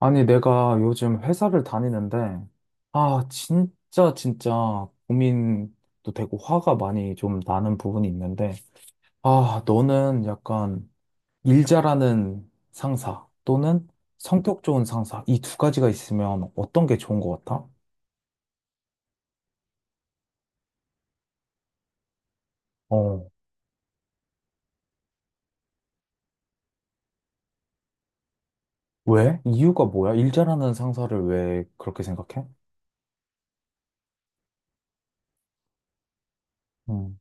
아니, 내가 요즘 회사를 다니는데, 아, 진짜, 진짜 고민도 되고 화가 많이 좀 나는 부분이 있는데, 아, 너는 약간 일 잘하는 상사 또는 성격 좋은 상사, 이 두 가지가 있으면 어떤 게 좋은 것 같아? 어, 왜? 이유가 뭐야? 일 잘하는 상사를 왜 그렇게 생각해? 음,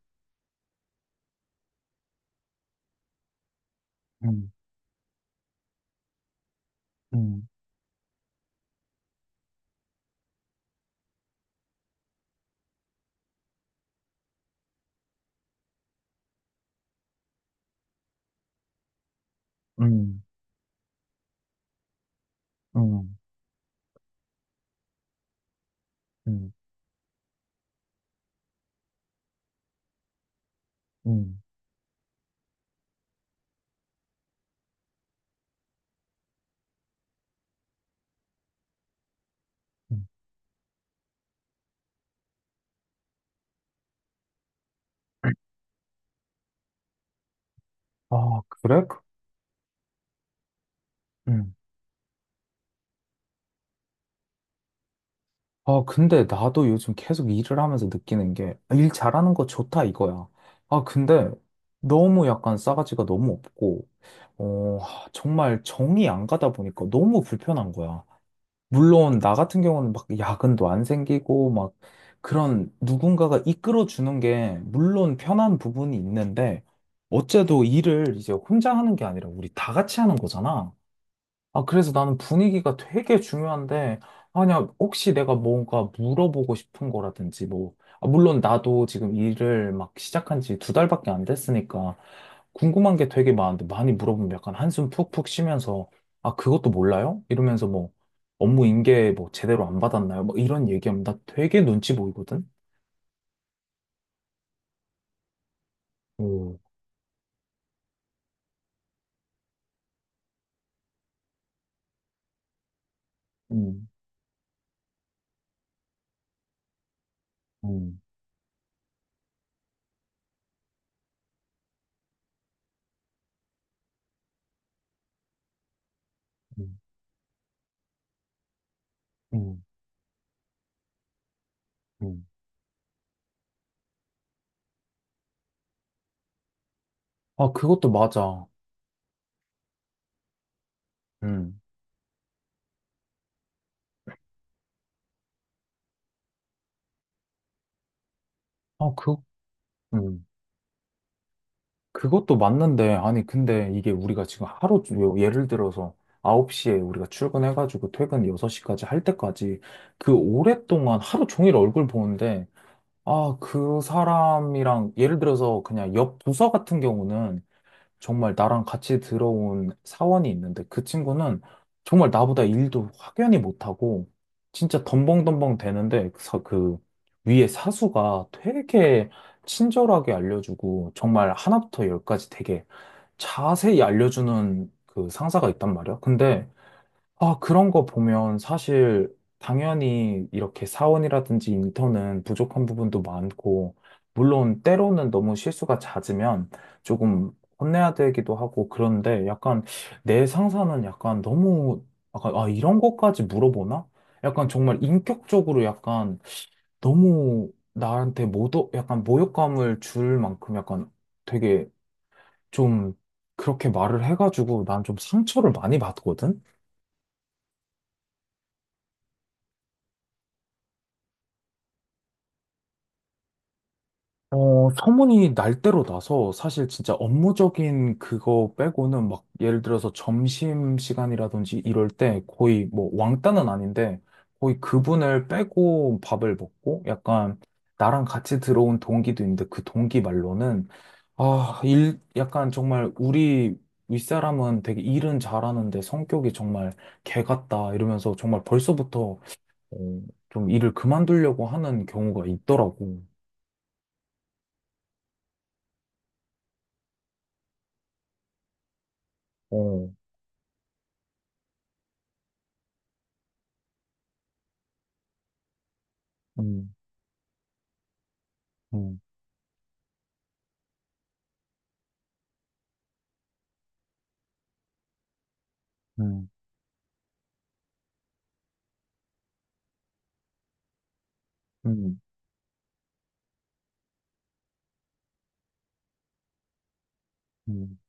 음, 음, 음, 음, 음, 음. 음. 아, 그래? 아, 근데 나도 요즘 계속 일을 하면서 느끼는 게, 아, 일 잘하는 거 좋다 이거야. 아, 근데 너무 약간 싸가지가 너무 없고, 어, 하, 정말 정이 안 가다 보니까 너무 불편한 거야. 물론 나 같은 경우는 막 야근도 안 생기고, 막 그런 누군가가 이끌어 주는 게 물론 편한 부분이 있는데, 어째도 일을 이제 혼자 하는 게 아니라 우리 다 같이 하는 거잖아. 아, 그래서 나는 분위기가 되게 중요한데, 아니야, 혹시 내가 뭔가 물어보고 싶은 거라든지, 뭐, 아, 물론 나도 지금 일을 막 시작한 지 두 달밖에 안 됐으니까, 궁금한 게 되게 많은데, 많이 물어보면 약간 한숨 푹푹 쉬면서, 아, 그것도 몰라요? 이러면서 뭐, 업무 인계 뭐 제대로 안 받았나요? 뭐 이런 얘기하면 나 되게 눈치 보이거든? 오. 음. 음, 음, 음, 음. 아, 그것도 맞아. 음. 아, 그. 음. 그것도 맞는데, 아니, 근데 이게 우리가 지금 하루, 예를 들어서 9시에 우리가 출근해가지고 퇴근 6시까지 할 때까지 그 오랫동안 하루 종일 얼굴 보는데, 아, 그 사람이랑, 예를 들어서 그냥 옆 부서 같은 경우는 정말 나랑 같이 들어온 사원이 있는데 그 친구는 정말 나보다 일도 확연히 못하고 진짜 덤벙덤벙 되는데 그 위에 사수가 되게 친절하게 알려주고 정말 하나부터 열까지 되게 자세히 알려주는 그 상사가 있단 말이야. 근데 아, 그런 거 보면 사실 당연히 이렇게 사원이라든지 인턴은 부족한 부분도 많고, 물론 때로는 너무 실수가 잦으면 조금 혼내야 되기도 하고, 그런데 약간 내 상사는 약간 너무, 약간, 아, 이런 것까지 물어보나? 약간 정말 인격적으로 약간 너무 나한테 모독, 약간 모욕감을 줄 만큼 약간 되게 좀 그렇게 말을 해가지고 난 좀 상처를 많이 받거든? 어, 소문이 날 대로 나서 사실 진짜 업무적인 그거 빼고는 막 예를 들어서 점심 시간이라든지 이럴 때 거의 뭐 왕따는 아닌데 거의 그분을 빼고 밥을 먹고 약간 나랑 같이 들어온 동기도 있는데 그 동기 말로는 아, 일, 약간 정말 우리 윗사람은 되게 일은 잘하는데 성격이 정말 개 같다 이러면서 정말 벌써부터 어, 좀 일을 그만두려고 하는 경우가 있더라고. 어. 음. 음, 음, 음, 음.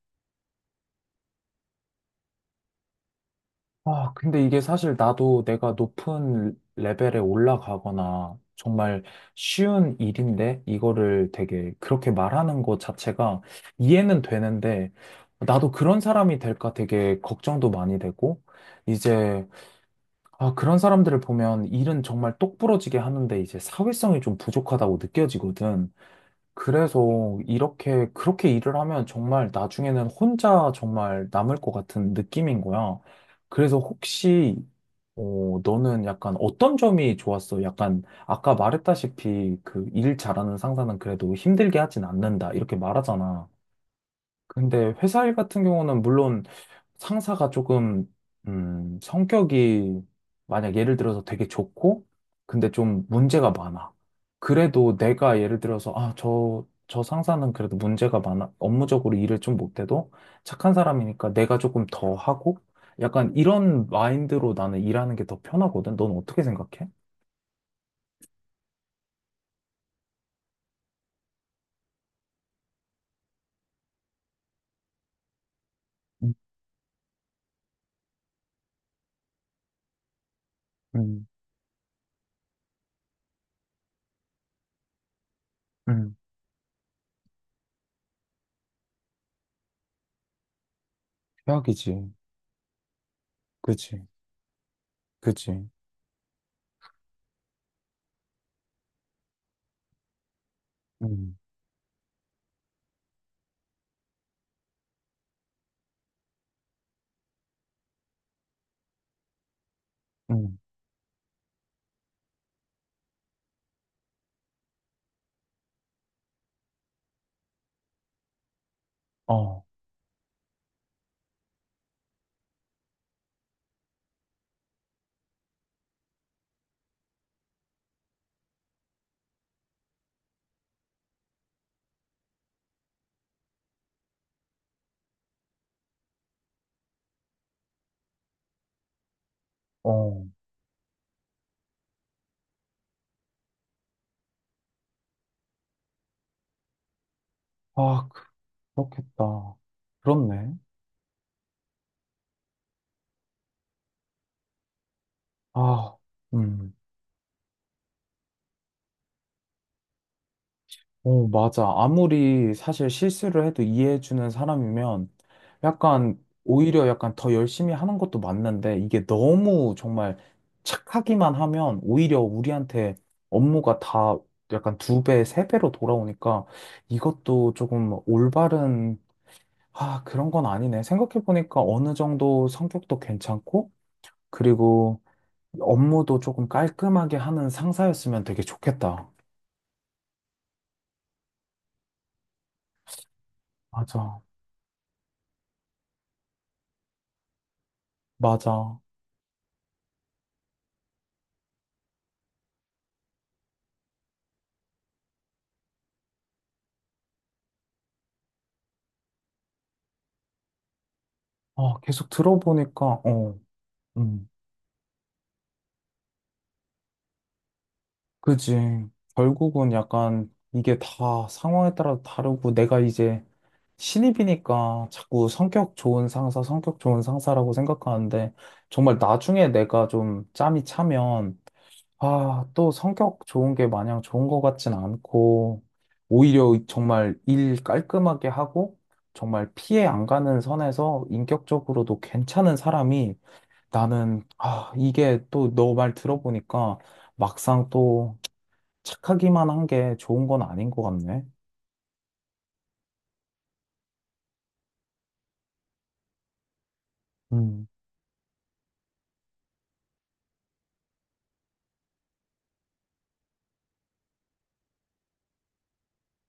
아, 근데 이게 사실 나도 내가 높은 레벨에 올라가거나 정말 쉬운 일인데 이거를 되게 그렇게 말하는 것 자체가 이해는 되는데 나도 그런 사람이 될까 되게 걱정도 많이 되고 이제 아, 그런 사람들을 보면 일은 정말 똑부러지게 하는데 이제 사회성이 좀 부족하다고 느껴지거든. 그래서 이렇게, 그렇게 일을 하면 정말 나중에는 혼자 정말 남을 것 같은 느낌인 거야. 그래서 혹시, 어, 너는 약간 어떤 점이 좋았어? 약간, 아까 말했다시피 그 일 잘하는 상사는 그래도 힘들게 하진 않는다. 이렇게 말하잖아. 근데 회사 일 같은 경우는 물론 상사가 조금, 성격이 만약 예를 들어서 되게 좋고, 근데 좀 문제가 많아. 그래도 내가 예를 들어서, 아, 저, 저 상사는 그래도 문제가 많아. 업무적으로 일을 좀 못해도 착한 사람이니까 내가 조금 더 하고, 약간 이런 마인드로 나는 일하는 게 더 편하거든. 넌 어떻게 생각해? 음, 음, 음. 최악이지. 그치, 그치. 음, 음, 어, 어. 아, 그렇겠다. 그렇네. 아. 음. 오, 맞아. 아무리 사실 실수를 해도 이해해주는 사람이면 약간 오히려 약간 더 열심히 하는 것도 맞는데 이게 너무 정말 착하기만 하면 오히려 우리한테 업무가 다 약간 두 배, 세 배로 돌아오니까 이것도 조금 올바른, 아, 그런 건 아니네. 생각해보니까 어느 정도 성격도 괜찮고 그리고 업무도 조금 깔끔하게 하는 상사였으면 되게 좋겠다. 맞아, 맞아. 아, 계속 들어보니까, 어, 음, 그지. 결국은 약간 이게 다 상황에 따라 다르고 내가 이제 신입이니까 자꾸 성격 좋은 상사, 성격 좋은 상사라고 생각하는데 정말 나중에 내가 좀 짬이 차면 아, 또 성격 좋은 게 마냥 좋은 것 같진 않고, 오히려 정말 일 깔끔하게 하고, 정말 피해 안 가는 선에서 인격적으로도 괜찮은 사람이 나는, 아, 이게 또 너 말 들어보니까 막상 또 착하기만 한 게 좋은 건 아닌 것 같네. 음,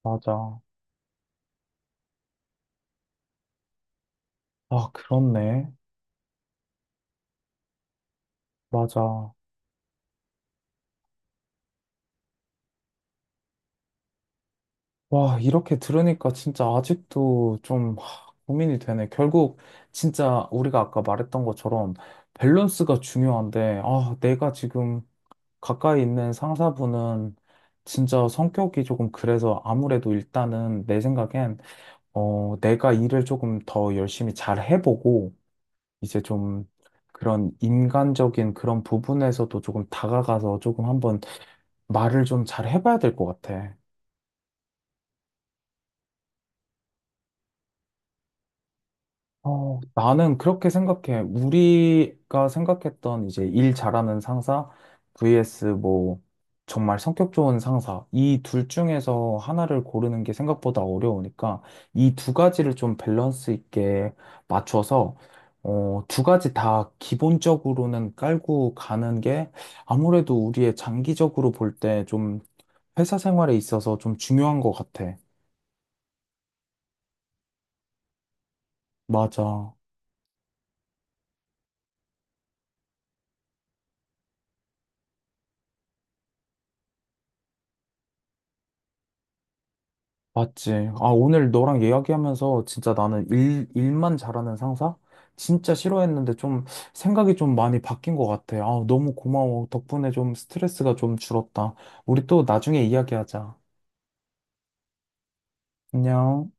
맞아. 아, 그렇네. 맞아. 와, 이렇게 들으니까 진짜 아직도 좀 하, 고민이 되네. 결국 진짜 우리가 아까 말했던 것처럼 밸런스가 중요한데, 아, 내가 지금 가까이 있는 상사분은 진짜 성격이 조금 그래서 아무래도 일단은 내 생각엔, 어, 내가 일을 조금 더 열심히 잘 해보고, 이제 좀 그런 인간적인 그런 부분에서도 조금 다가가서 조금 한번 말을 좀 잘 해봐야 될 것 같아. 어, 나는 그렇게 생각해. 우리가 생각했던 이제 일 잘하는 상사 vs 뭐 정말 성격 좋은 상사 이 둘 중에서 하나를 고르는 게 생각보다 어려우니까 이 두 가지를 좀 밸런스 있게 맞춰서 어, 두 가지 다 기본적으로는 깔고 가는 게 아무래도 우리의 장기적으로 볼 때 좀 회사 생활에 있어서 좀 중요한 것 같아. 맞아. 맞지. 아, 오늘 너랑 이야기하면서 진짜 나는 일, 일만 잘하는 상사? 진짜 싫어했는데 좀 생각이 좀 많이 바뀐 것 같아. 아, 너무 고마워. 덕분에 좀 스트레스가 좀 줄었다. 우리 또 나중에 이야기하자. 안녕.